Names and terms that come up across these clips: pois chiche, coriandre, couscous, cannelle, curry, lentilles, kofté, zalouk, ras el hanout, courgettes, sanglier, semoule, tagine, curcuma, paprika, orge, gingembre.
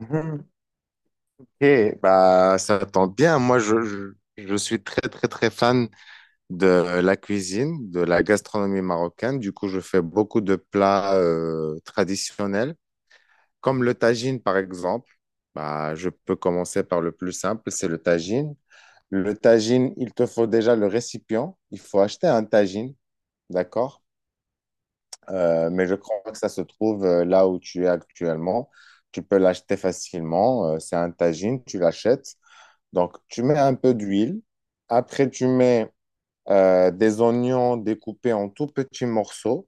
Mhm. Ok, bah, ça tombe bien. Je suis très, très, très fan de la cuisine, de la gastronomie marocaine. Du coup, je fais beaucoup de plats traditionnels, comme le tagine, par exemple. Bah, je peux commencer par le plus simple, c'est le tagine. Le tagine, il te faut déjà le récipient. Il faut acheter un tagine, d'accord? Mais je crois que ça se trouve là où tu es actuellement. Tu peux l'acheter facilement. C'est un tagine, tu l'achètes. Donc, tu mets un peu d'huile. Après, tu mets des oignons découpés en tout petits morceaux.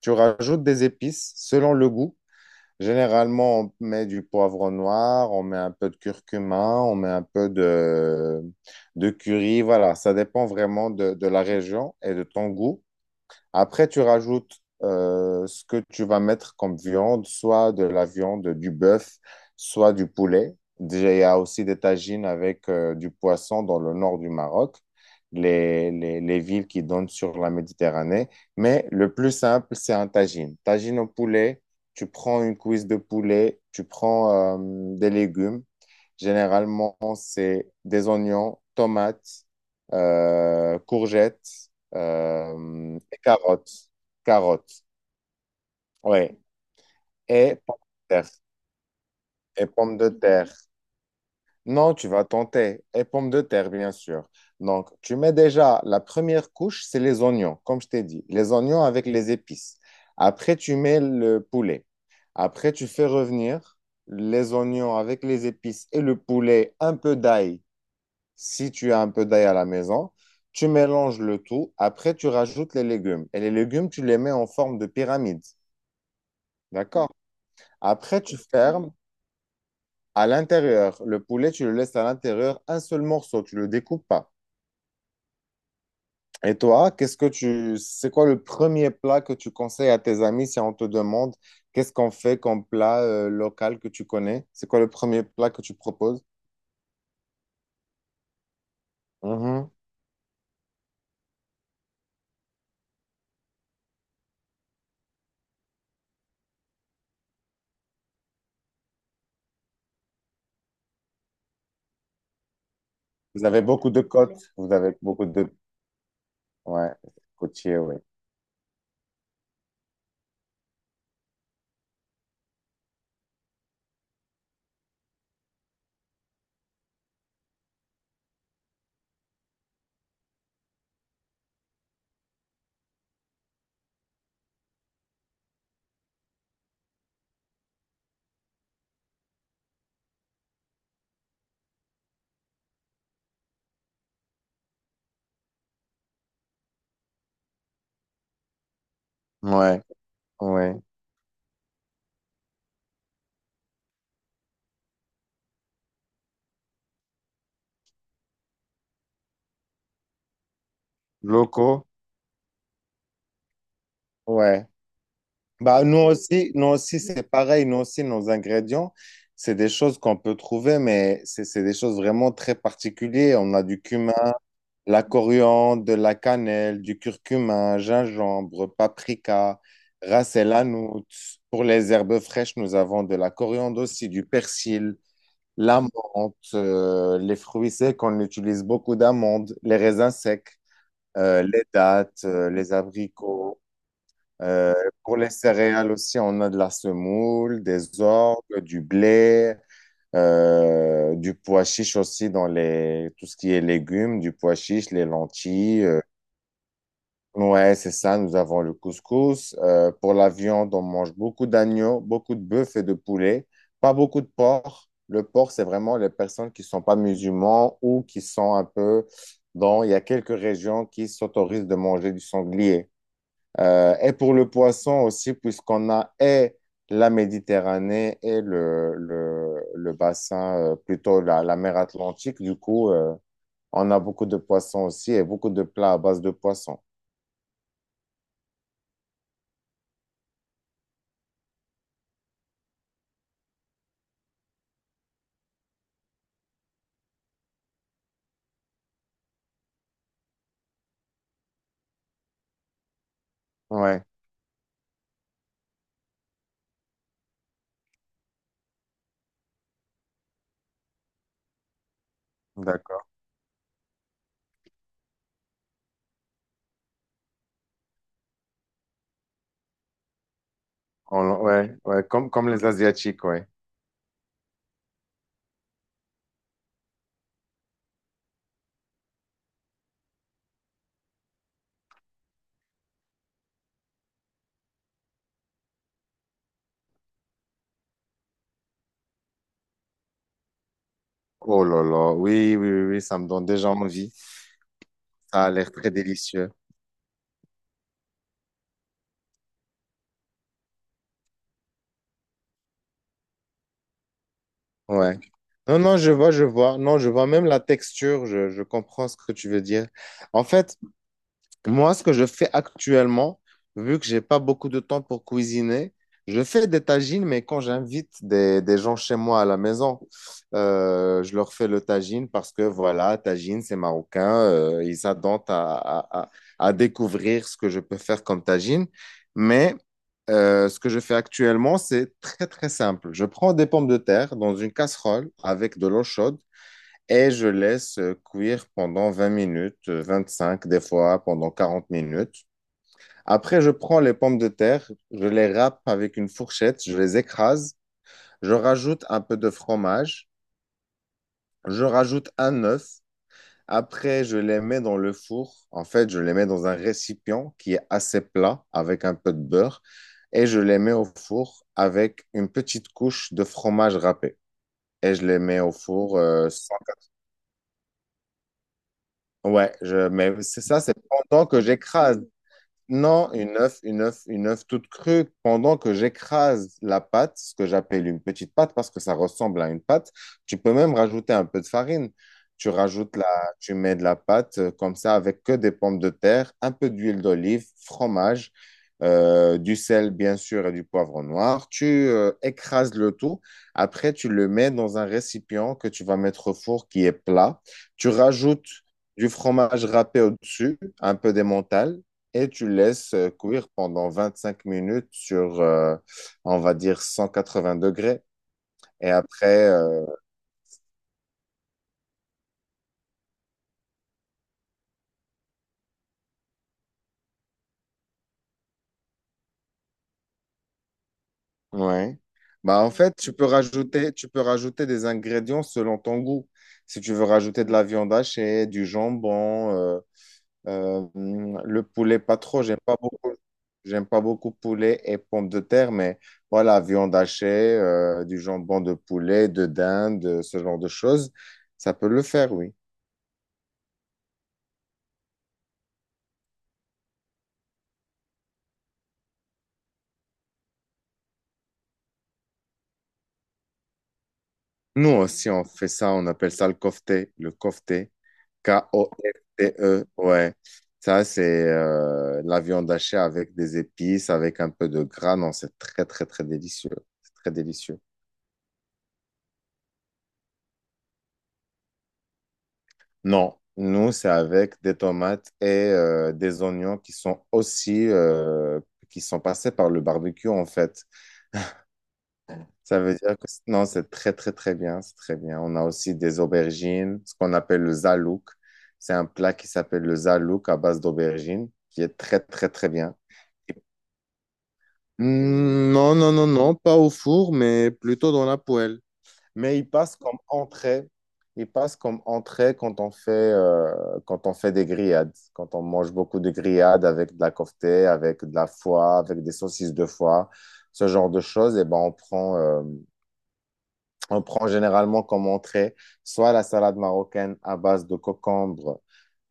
Tu rajoutes des épices selon le goût. Généralement, on met du poivre noir, on met un peu de curcuma, on met un peu de curry. Voilà, ça dépend vraiment de la région et de ton goût. Après, tu rajoutes ce que tu vas mettre comme viande, soit de la viande, du bœuf, soit du poulet. Déjà, il y a aussi des tagines avec du poisson dans le nord du Maroc, les villes qui donnent sur la Méditerranée. Mais le plus simple, c'est un tagine. Tagine au poulet, tu prends une cuisse de poulet, tu prends des légumes. Généralement, c'est des oignons, tomates, courgettes et carottes. Carottes. Ouais. Et pommes de terre. Et pommes de terre. Non, tu vas tenter. Et pommes de terre, bien sûr. Donc, tu mets déjà la première couche, c'est les oignons, comme je t'ai dit. Les oignons avec les épices. Après, tu mets le poulet. Après, tu fais revenir les oignons avec les épices et le poulet, un peu d'ail, si tu as un peu d'ail à la maison. Tu mélanges le tout. Après, tu rajoutes les légumes. Et les légumes, tu les mets en forme de pyramide. D'accord. Après, tu fermes à l'intérieur. Le poulet, tu le laisses à l'intérieur, un seul morceau, tu le découpes pas. Et toi, qu'est-ce que tu, c'est quoi le premier plat que tu conseilles à tes amis si on te demande qu'est-ce qu'on fait comme plat local que tu connais? C'est quoi le premier plat que tu proposes? Mhm. Vous avez beaucoup de côtes, vous avez beaucoup de, ouais, côtiers, ouais. Ouais, ouais. Locaux, ouais. Bah, nous aussi c'est pareil. Nous aussi, nos ingrédients, c'est des choses qu'on peut trouver, mais c'est des choses vraiment très particulières. On a du cumin, la coriandre, de la cannelle, du curcuma, gingembre, paprika, ras el hanout. Pour les herbes fraîches, nous avons de la coriandre aussi, du persil, la menthe, les fruits secs, on utilise beaucoup d'amandes, les raisins secs, les dattes, les abricots. Euh, pour les céréales aussi, on a de la semoule, des orgues, du blé, du pois chiche aussi dans les, tout ce qui est légumes, du pois chiche, les lentilles. Ouais, c'est ça, nous avons le couscous. Pour la viande, on mange beaucoup d'agneau, beaucoup de bœuf et de poulet, pas beaucoup de porc. Le porc, c'est vraiment les personnes qui sont pas musulmans ou qui sont un peu dans, il y a quelques régions qui s'autorisent de manger du sanglier. Et pour le poisson aussi, puisqu'on a et la Méditerranée et le bassin, plutôt la mer Atlantique, du coup, on a beaucoup de poissons aussi et beaucoup de plats à base de poissons. Ouais, d'accord. Ouais, ouais, comme les Asiatiques, ouais. Oh là là, oui, oui, oui, oui, ça me donne déjà envie. Ça a l'air très délicieux. Ouais. Non, non, je vois, je vois. Non, je vois même la texture, je comprends ce que tu veux dire. En fait, moi, ce que je fais actuellement, vu que j'ai pas beaucoup de temps pour cuisiner, je fais des tagines, mais quand j'invite des gens chez moi à la maison, je leur fais le tagine parce que voilà, tagine, c'est marocain, ils s'attendent à découvrir ce que je peux faire comme tagine. Mais ce que je fais actuellement, c'est très très simple. Je prends des pommes de terre dans une casserole avec de l'eau chaude. Et je laisse cuire pendant 20 minutes, 25, des fois pendant 40 minutes. Après, je prends les pommes de terre, je les râpe avec une fourchette, je les écrase, je rajoute un peu de fromage, je rajoute un œuf. Après, je les mets dans le four. En fait, je les mets dans un récipient qui est assez plat avec un peu de beurre et je les mets au four avec une petite couche de fromage râpé. Et je les mets au four ouais, mais c'est ça, c'est pendant que j'écrase non, une œuf toute crue. Pendant que j'écrase la pâte, ce que j'appelle une petite pâte parce que ça ressemble à une pâte, tu peux même rajouter un peu de farine. Tu rajoutes la, tu mets de la pâte comme ça avec que des pommes de terre, un peu d'huile d'olive, fromage, du sel bien sûr et du poivre noir. Tu écrases le tout. Après, tu le mets dans un récipient que tu vas mettre au four qui est plat. Tu rajoutes du fromage râpé au-dessus, un peu d'emmental et tu laisses cuire pendant 25 minutes sur, on va dire, 180 degrés. Et après, ouais. Bah, en fait, tu peux rajouter des ingrédients selon ton goût. Si tu veux rajouter de la viande hachée, du jambon, le poulet, pas trop, j'aime pas beaucoup. J'aime pas beaucoup poulet et pommes de terre, mais voilà, viande hachée, du jambon de poulet, de dinde, ce genre de choses, ça peut le faire, oui. Nous aussi, on fait ça, on appelle ça le kofté, K-O-F-T-E, ouais. Ça, c'est la viande hachée avec des épices, avec un peu de gras. Non, c'est très, très, très délicieux. C'est très délicieux. Non, nous, c'est avec des tomates et des oignons qui sont aussi, qui sont passés par le barbecue, en fait. Ça veut dire que c- Non, c'est très, très, très bien. C'est très bien. On a aussi des aubergines, ce qu'on appelle le zalouk. C'est un plat qui s'appelle le zalouk à base d'aubergines, qui est très, très, très bien. Non, non, non, non, pas au four, mais plutôt dans la poêle. Mais il passe comme entrée. Il passe comme entrée quand on fait, quand on fait des grillades, quand on mange beaucoup de grillades avec de la kofta, avec de la foie, avec des saucisses de foie, ce genre de choses. Et ben on prend généralement comme entrée soit la salade marocaine à base de concombre,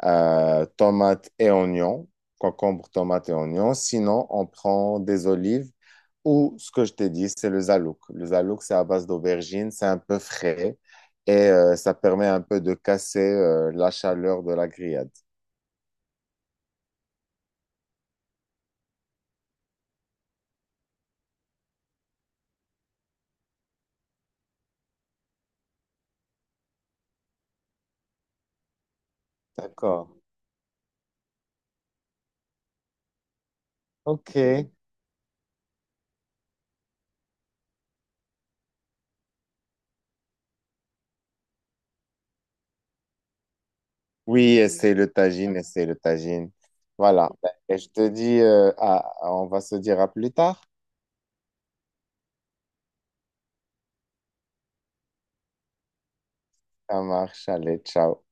tomates et oignons, concombre, tomates et oignons. Sinon, on prend des olives ou ce que je t'ai dit, c'est le zalouk. Le zalouk, c'est à base d'aubergine, c'est un peu frais et ça permet un peu de casser la chaleur de la grillade. D'accord. OK. Oui, essaye le tagine, essaye le tagine. Voilà. Et je te dis, on va se dire à plus tard. Ça marche, allez, ciao.